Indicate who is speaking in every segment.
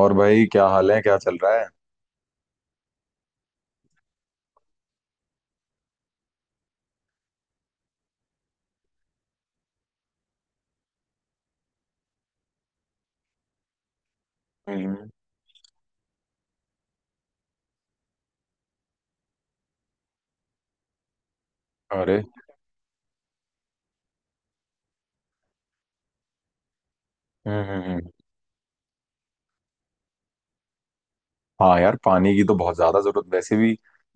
Speaker 1: और भाई क्या हाल है? क्या चल रहा है? हम्म। अरे! हम्म। हाँ यार, पानी की तो बहुत ज्यादा जरूरत वैसे भी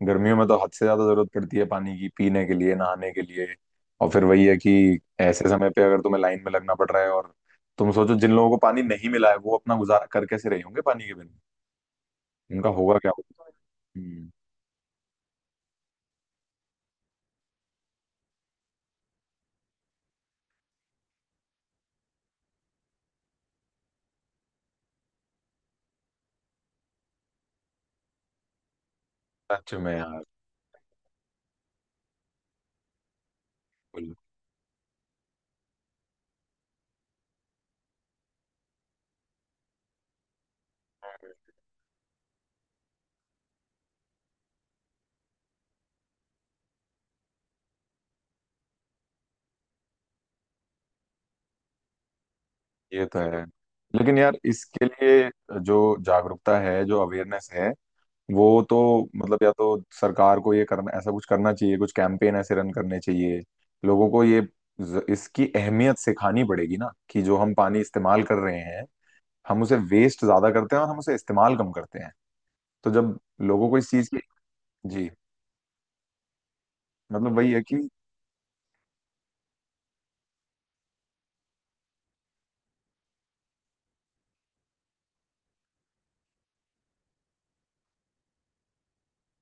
Speaker 1: गर्मियों में तो हद से ज्यादा जरूरत पड़ती है, पानी की पीने के लिए, नहाने के लिए। और फिर वही है कि ऐसे समय पे अगर तुम्हें लाइन में लगना पड़ रहा है, और तुम सोचो जिन लोगों को पानी नहीं मिला है वो अपना गुजारा कर कैसे रहे होंगे पानी के बिना? उनका होगा क्या? हम्म, सच में यार। बिल्कुल। ये तो है। लेकिन यार, इसके लिए जो जागरूकता है, जो अवेयरनेस है, वो तो मतलब या तो सरकार को ये करना, ऐसा कुछ करना चाहिए, कुछ कैंपेन ऐसे रन करने चाहिए। लोगों को ये इसकी अहमियत सिखानी पड़ेगी ना कि जो हम पानी इस्तेमाल कर रहे हैं, हम उसे वेस्ट ज्यादा करते हैं और हम उसे इस्तेमाल कम करते हैं। तो जब लोगों को इस चीज की। जी। मतलब वही है कि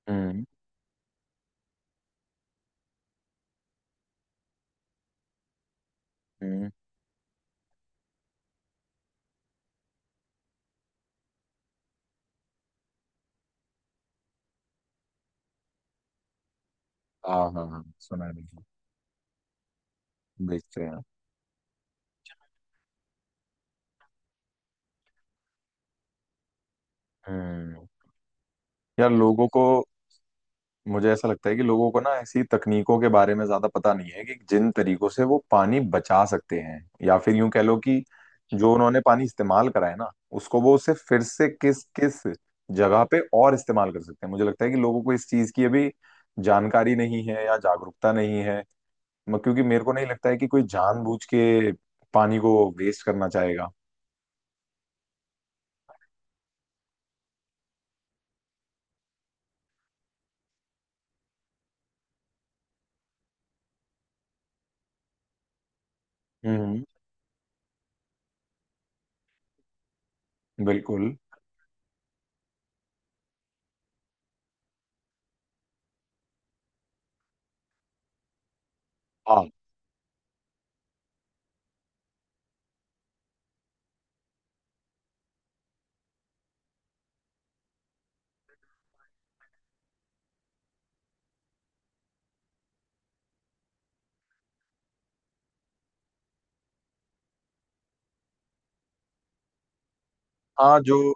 Speaker 1: हम्म हम्म। हाँ हाँ हाँ सुना है मैंने, देखते हैं। हम्म। यार लोगों को, मुझे ऐसा लगता है कि लोगों को ना ऐसी तकनीकों के बारे में ज्यादा पता नहीं है कि जिन तरीकों से वो पानी बचा सकते हैं। या फिर यूं कह लो कि जो उन्होंने पानी इस्तेमाल करा है ना, उसको वो उसे फिर से किस किस जगह पे और इस्तेमाल कर सकते हैं। मुझे लगता है कि लोगों को इस चीज की अभी जानकारी नहीं है या जागरूकता नहीं है। क्योंकि मेरे को नहीं लगता है कि कोई जानबूझ के पानी को वेस्ट करना चाहेगा। हम्म। बिल्कुल। हाँ। हाँ जो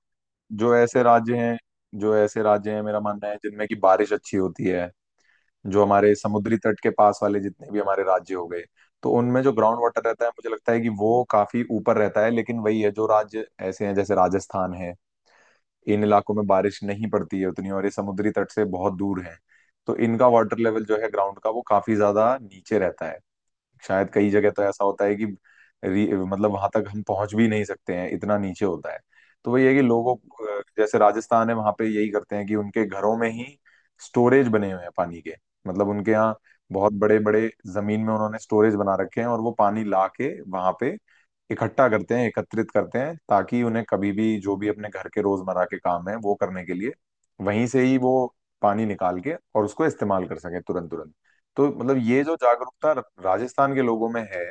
Speaker 1: जो ऐसे राज्य हैं, जो ऐसे राज्य हैं मेरा मानना है जिनमें की बारिश अच्छी होती है, जो हमारे समुद्री तट के पास वाले जितने भी हमारे राज्य हो गए, तो उनमें जो ग्राउंड वाटर रहता है मुझे लगता है कि वो काफी ऊपर रहता है। लेकिन वही है, जो राज्य ऐसे हैं जैसे राजस्थान है, इन इलाकों में बारिश नहीं पड़ती है उतनी और ये समुद्री तट से बहुत दूर है, तो इनका वाटर लेवल जो है ग्राउंड का, वो काफी ज्यादा नीचे रहता है। शायद कई जगह तो ऐसा होता है कि मतलब वहां तक हम पहुंच भी नहीं सकते हैं, इतना नीचे होता है। तो वही है कि लोगों को, जैसे राजस्थान है वहां पे यही करते हैं कि उनके घरों में ही स्टोरेज बने हुए हैं पानी के। मतलब उनके यहाँ बहुत बड़े बड़े जमीन में उन्होंने स्टोरेज बना रखे हैं और वो पानी ला के वहां पे इकट्ठा करते हैं, एकत्रित करते हैं, ताकि उन्हें कभी भी जो भी अपने घर के रोजमर्रा के काम है वो करने के लिए वहीं से ही वो पानी निकाल के और उसको इस्तेमाल कर सके तुरंत तुरंत। तो मतलब ये जो जागरूकता राजस्थान के लोगों में है,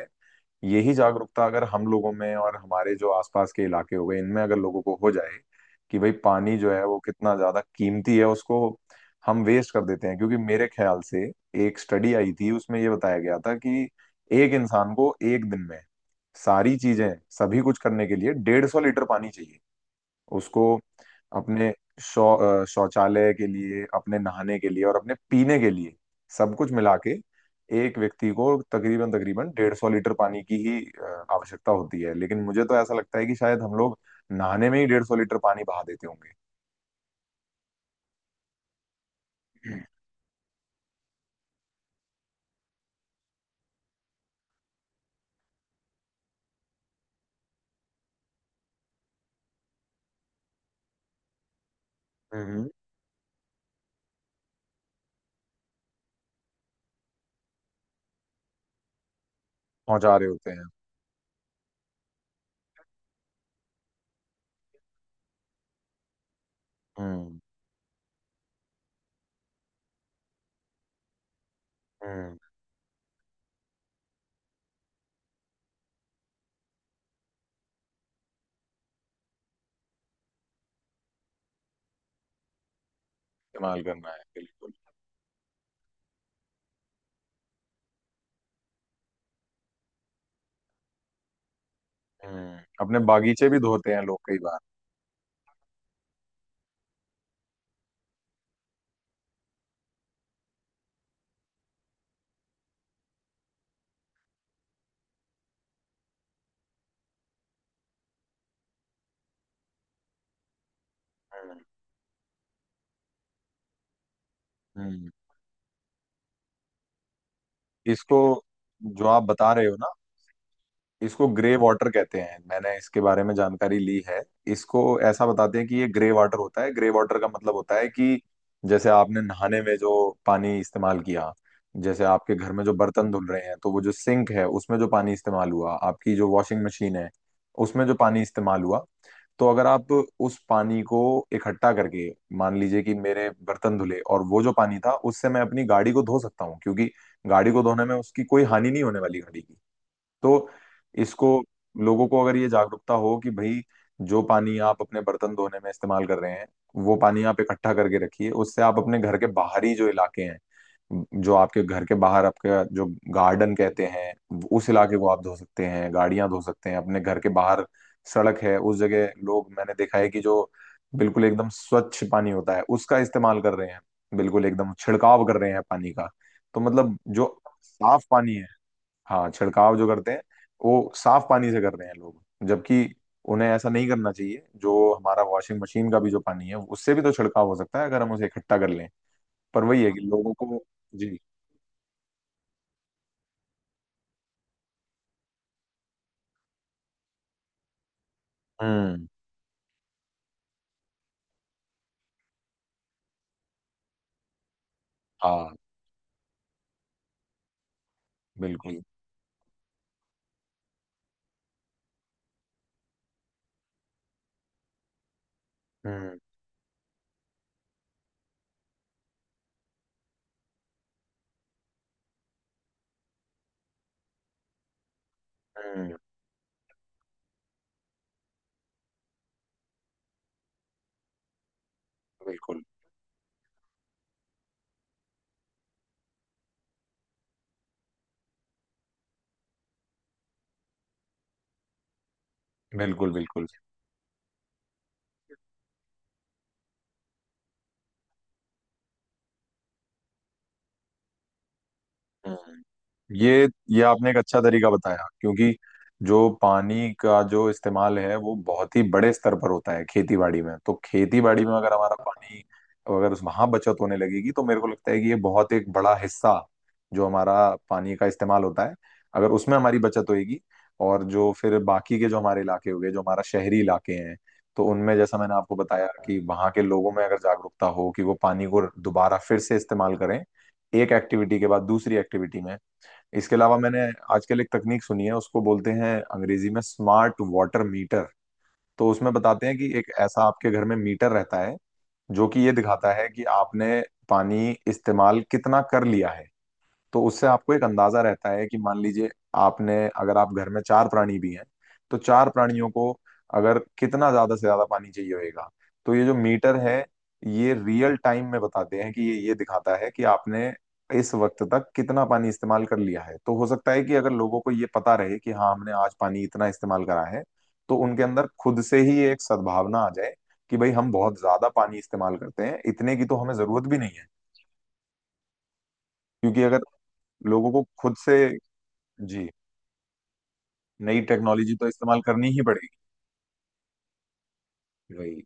Speaker 1: यही जागरूकता अगर हम लोगों में और हमारे जो आसपास के इलाके हो गए इनमें अगर लोगों को हो जाए कि भाई पानी जो है वो कितना ज्यादा कीमती है, उसको हम वेस्ट कर देते हैं। क्योंकि मेरे ख्याल से एक स्टडी आई थी उसमें ये बताया गया था कि एक इंसान को एक दिन में सारी चीजें, सभी कुछ करने के लिए 150 लीटर पानी चाहिए उसको, अपने शौचालय के लिए, अपने नहाने के लिए और अपने पीने के लिए सब कुछ मिला के एक व्यक्ति को तकरीबन तकरीबन 150 लीटर पानी की ही आवश्यकता होती है। लेकिन मुझे तो ऐसा लगता है कि शायद हम लोग नहाने में ही 150 लीटर पानी बहा देते होंगे। हम्म। पहुंचा रहे होते हैं। हम्म। हम्म। इस्तेमाल करना है बिल्कुल। हम्म, अपने बागीचे भी धोते हैं लोग कई बार। हम्म। हम्म। इसको, जो आप बता रहे हो ना, इसको ग्रे वाटर कहते हैं, मैंने इसके बारे में जानकारी ली है। इसको ऐसा बताते हैं कि ये ग्रे वाटर होता है। ग्रे वाटर का मतलब होता है कि जैसे आपने नहाने में जो पानी इस्तेमाल किया, जैसे आपके घर में जो बर्तन धुल रहे हैं तो वो जो सिंक है उसमें जो पानी इस्तेमाल हुआ, आपकी जो वॉशिंग मशीन है उसमें जो पानी इस्तेमाल हुआ, तो अगर आप उस पानी को इकट्ठा करके, मान लीजिए कि मेरे बर्तन धुले और वो जो पानी था उससे मैं अपनी गाड़ी को धो सकता हूँ, क्योंकि गाड़ी को धोने में उसकी कोई हानि नहीं होने वाली गाड़ी की। तो इसको, लोगों को अगर ये जागरूकता हो कि भाई जो पानी आप अपने बर्तन धोने में इस्तेमाल कर रहे हैं, वो पानी आप इकट्ठा करके रखिए। उससे आप अपने घर के बाहरी जो इलाके हैं, जो आपके घर के बाहर आपका जो गार्डन कहते हैं, उस इलाके को आप धो सकते हैं, गाड़ियां धो सकते हैं। अपने घर के बाहर सड़क है उस जगह लोग, मैंने देखा है कि जो बिल्कुल एकदम स्वच्छ पानी होता है उसका इस्तेमाल कर रहे हैं, बिल्कुल एकदम छिड़काव कर रहे हैं पानी का। तो मतलब जो साफ पानी है, हाँ छिड़काव जो करते हैं, वो साफ पानी से कर रहे हैं लोग। जबकि उन्हें ऐसा नहीं करना चाहिए, जो हमारा वॉशिंग मशीन का भी जो पानी है उससे भी तो छिड़काव हो सकता है अगर हम उसे इकट्ठा कर लें। पर वही है कि लोगों को। जी। हम्म। हाँ बिल्कुल। हम्म। हम्म। बिल्कुल बिल्कुल बिल्कुल। हम्म। ये आपने एक अच्छा तरीका बताया, क्योंकि जो पानी का जो इस्तेमाल है वो बहुत ही बड़े स्तर पर होता है खेती बाड़ी में, तो खेती बाड़ी में अगर हमारा पानी, अगर उस वहां बचत होने लगेगी तो मेरे को लगता है कि ये बहुत एक बड़ा हिस्सा जो हमारा पानी का इस्तेमाल होता है अगर उसमें हमारी बचत होगी। और जो फिर बाकी के जो हमारे इलाके हो गए, जो हमारा शहरी इलाके हैं, तो उनमें जैसा मैंने आपको बताया कि वहां के लोगों में अगर जागरूकता हो कि वो पानी को दोबारा फिर से इस्तेमाल करें, एक एक्टिविटी के बाद दूसरी एक्टिविटी में। इसके अलावा मैंने आजकल एक तकनीक सुनी है उसको बोलते हैं अंग्रेजी में स्मार्ट वाटर मीटर। तो उसमें बताते हैं कि एक ऐसा आपके घर में मीटर रहता है जो कि ये दिखाता है कि आपने पानी इस्तेमाल कितना कर लिया है। तो उससे आपको एक अंदाजा रहता है कि मान लीजिए आपने, अगर आप घर में चार प्राणी भी हैं तो चार प्राणियों को अगर कितना ज्यादा से ज्यादा पानी चाहिए होगा, तो ये जो मीटर है ये रियल टाइम में बताते हैं कि ये दिखाता है कि आपने इस वक्त तक कितना पानी इस्तेमाल कर लिया है। तो हो सकता है कि अगर लोगों को ये पता रहे कि हाँ हमने आज पानी इतना इस्तेमाल करा है, तो उनके अंदर खुद से ही एक सद्भावना आ जाए कि भाई हम बहुत ज्यादा पानी इस्तेमाल करते हैं, इतने की तो हमें जरूरत भी नहीं है, क्योंकि अगर लोगों को खुद से। जी। नई टेक्नोलॉजी तो इस्तेमाल करनी ही पड़ेगी। वही।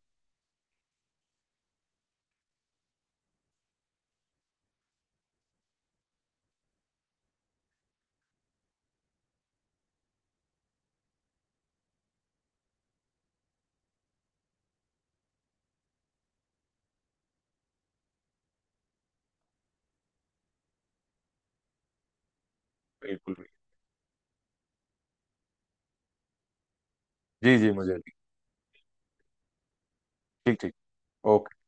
Speaker 1: बिल्कुल भी। जी जी, मुझे भी। ठीक ठीक। ओके।